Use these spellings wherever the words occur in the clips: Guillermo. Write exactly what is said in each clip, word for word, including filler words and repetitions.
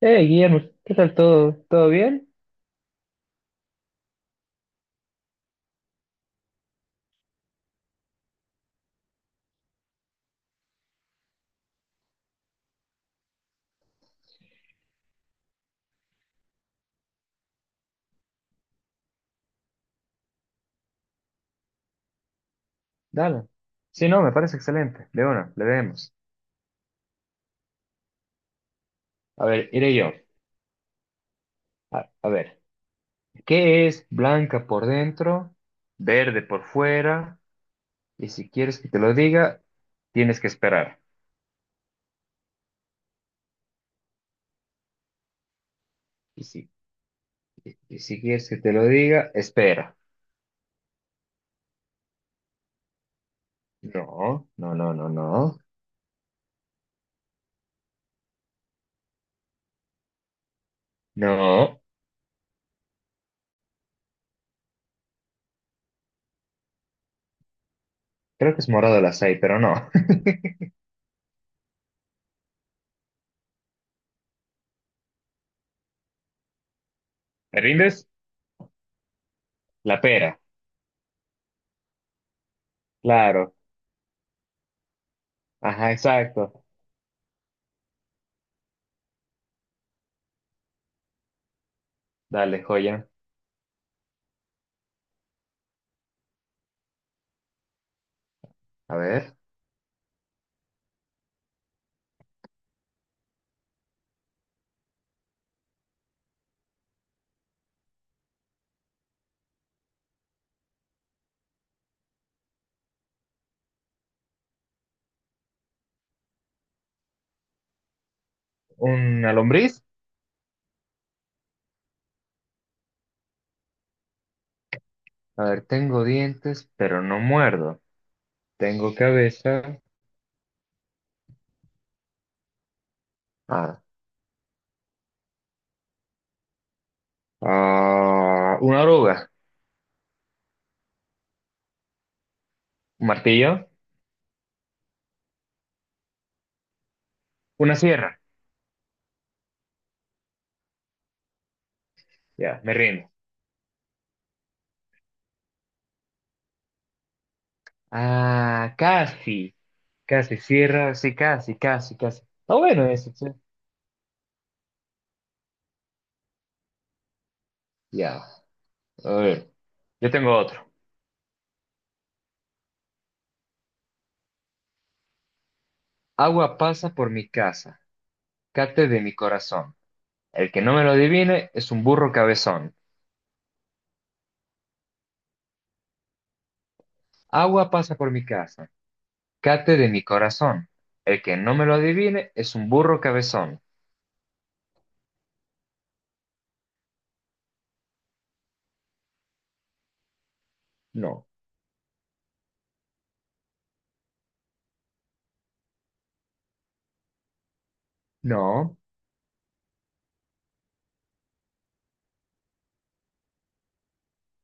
Hey, Guillermo, ¿qué tal todo? ¿Todo bien? Dale. Sí, no, me parece excelente. De una, le vemos. A ver, iré yo. A, a ver, ¿qué es blanca por dentro, verde por fuera? Y si quieres que te lo diga, tienes que esperar. Y si, y si quieres que te lo diga, espera. No, no, no, no, no. No, creo que es morado la seis, pero no. ¿Te rindes? La pera. Claro. Ajá, exacto. Dale, joya. A ver, ¿una lombriz? A ver, tengo dientes, pero no muerdo. Tengo cabeza. Ah, ah, una oruga, un martillo, una sierra. Ya, me rindo. Ah, casi, casi, sierra, sí, casi, casi, casi. Está bueno eso, sí. Ya, a ver. Yo tengo otro. Agua pasa por mi casa, cate de mi corazón. El que no me lo adivine es un burro cabezón. Agua pasa por mi casa, cate de mi corazón. El que no me lo adivine es un burro cabezón. No, no,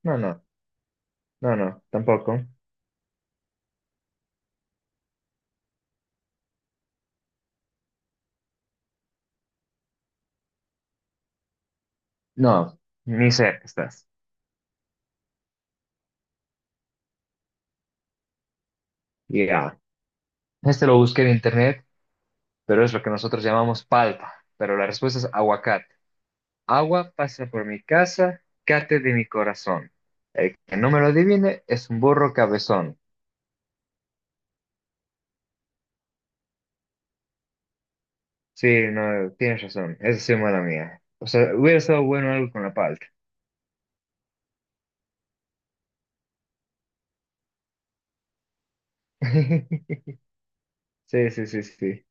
no, no, no, no, tampoco. No, ni cerca estás. Ya. Este lo busqué en internet, pero es lo que nosotros llamamos palta. Pero la respuesta es aguacate. Agua pasa por mi casa, cate de mi corazón. El que no me lo adivine es un burro cabezón. Sí, no, tienes razón. Esa sí es mala mía. O sea, hubiera estado bueno algo con la palta. Sí, sí, sí, sí.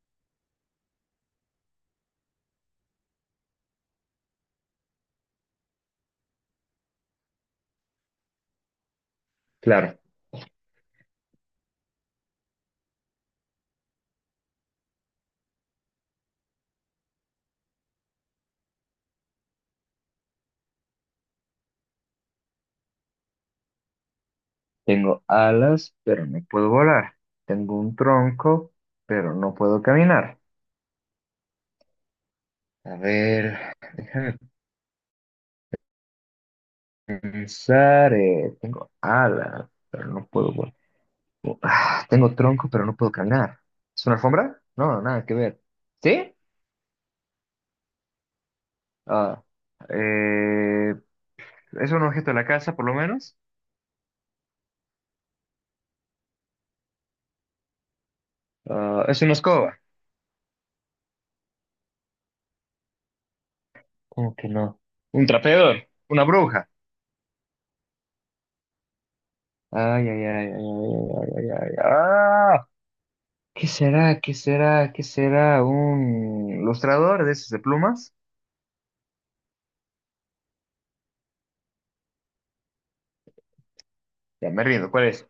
Claro. Tengo alas, pero no puedo volar. Tengo un tronco, pero no puedo caminar. A ver, déjame pensar. Eh, tengo alas, pero no puedo volar. Ah, tengo tronco, pero no puedo caminar. ¿Es una alfombra? No, nada que ver. ¿Sí? Ah, eh, ¿es un objeto de la casa, por lo menos? Ah, ¿es una escoba? ¿Cómo que no? ¿Un trapeador? ¿Una bruja? Ay, ay, ay, ay, ay, ay, ay, ay, ay. ¡Ah! ¿Qué será? ¿Qué será? ¿Qué será? ¿Un lustrador de esos de plumas? Ya me rindo, ¿cuál es?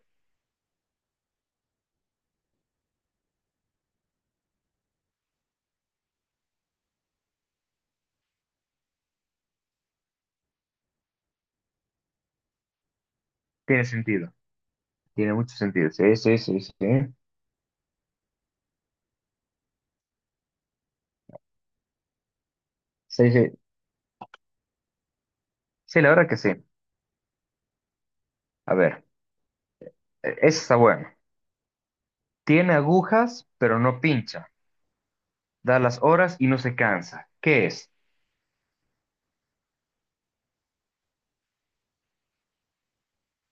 Tiene sentido, tiene mucho sentido. Sí, sí, sí, sí. Sí, sí. Sí, la verdad que sí. A ver, eh, esa está buena. Tiene agujas, pero no pincha. Da las horas y no se cansa. ¿Qué es?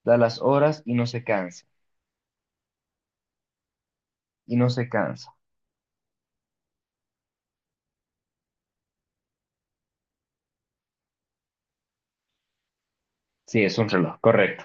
Da las horas y no se cansa. Y no se cansa. Sí, es un reloj, correcto.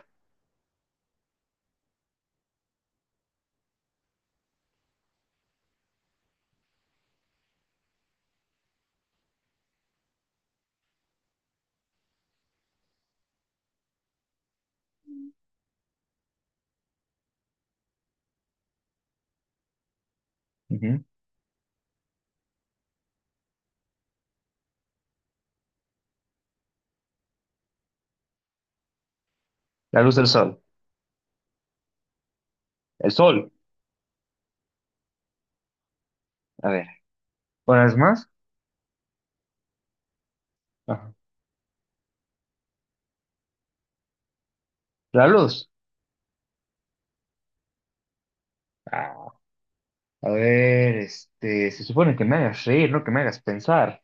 Ujú. La luz del sol. El sol. A ver, ¿una vez más? Ajá. La luz. Ah, a ver, este, se supone que me hagas reír, no que me hagas pensar.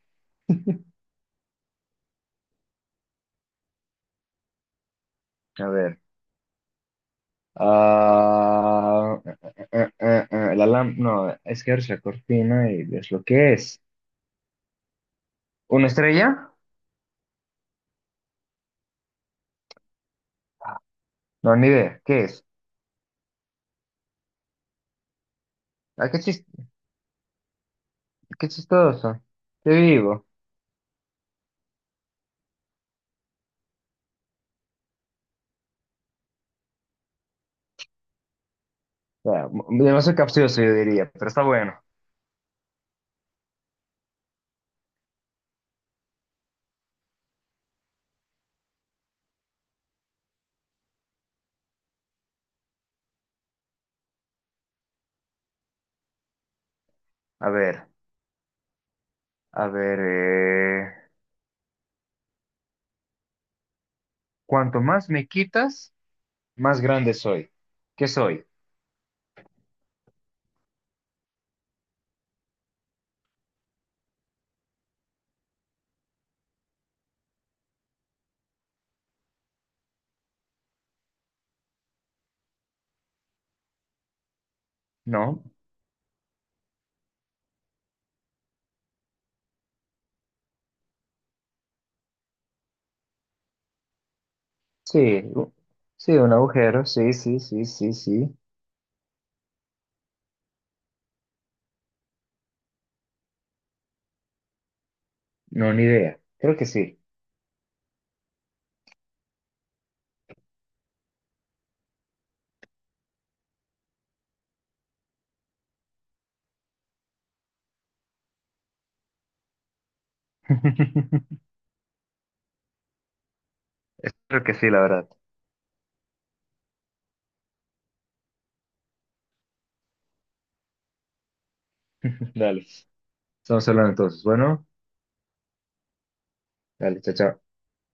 A ver. Ah, eh, eh, eh, eh, eh, eh, la lam- No, es que abres la cortina y ves lo que es. ¿Una estrella? No, ni idea. ¿Qué es? Ah, qué chis- qué chistoso. Qué vivo. O sea, m- demasiado capcioso, yo diría, pero está bueno. A ver, a ver. eh, Cuanto más me quitas, más grande soy. ¿Qué soy? No. Sí, u- sí, un agujero, sí, sí, sí, sí, sí. No, ni idea. Creo que sí. Creo que sí, la verdad. Dale. Estamos hablando entonces. Bueno, dale, chao, chao.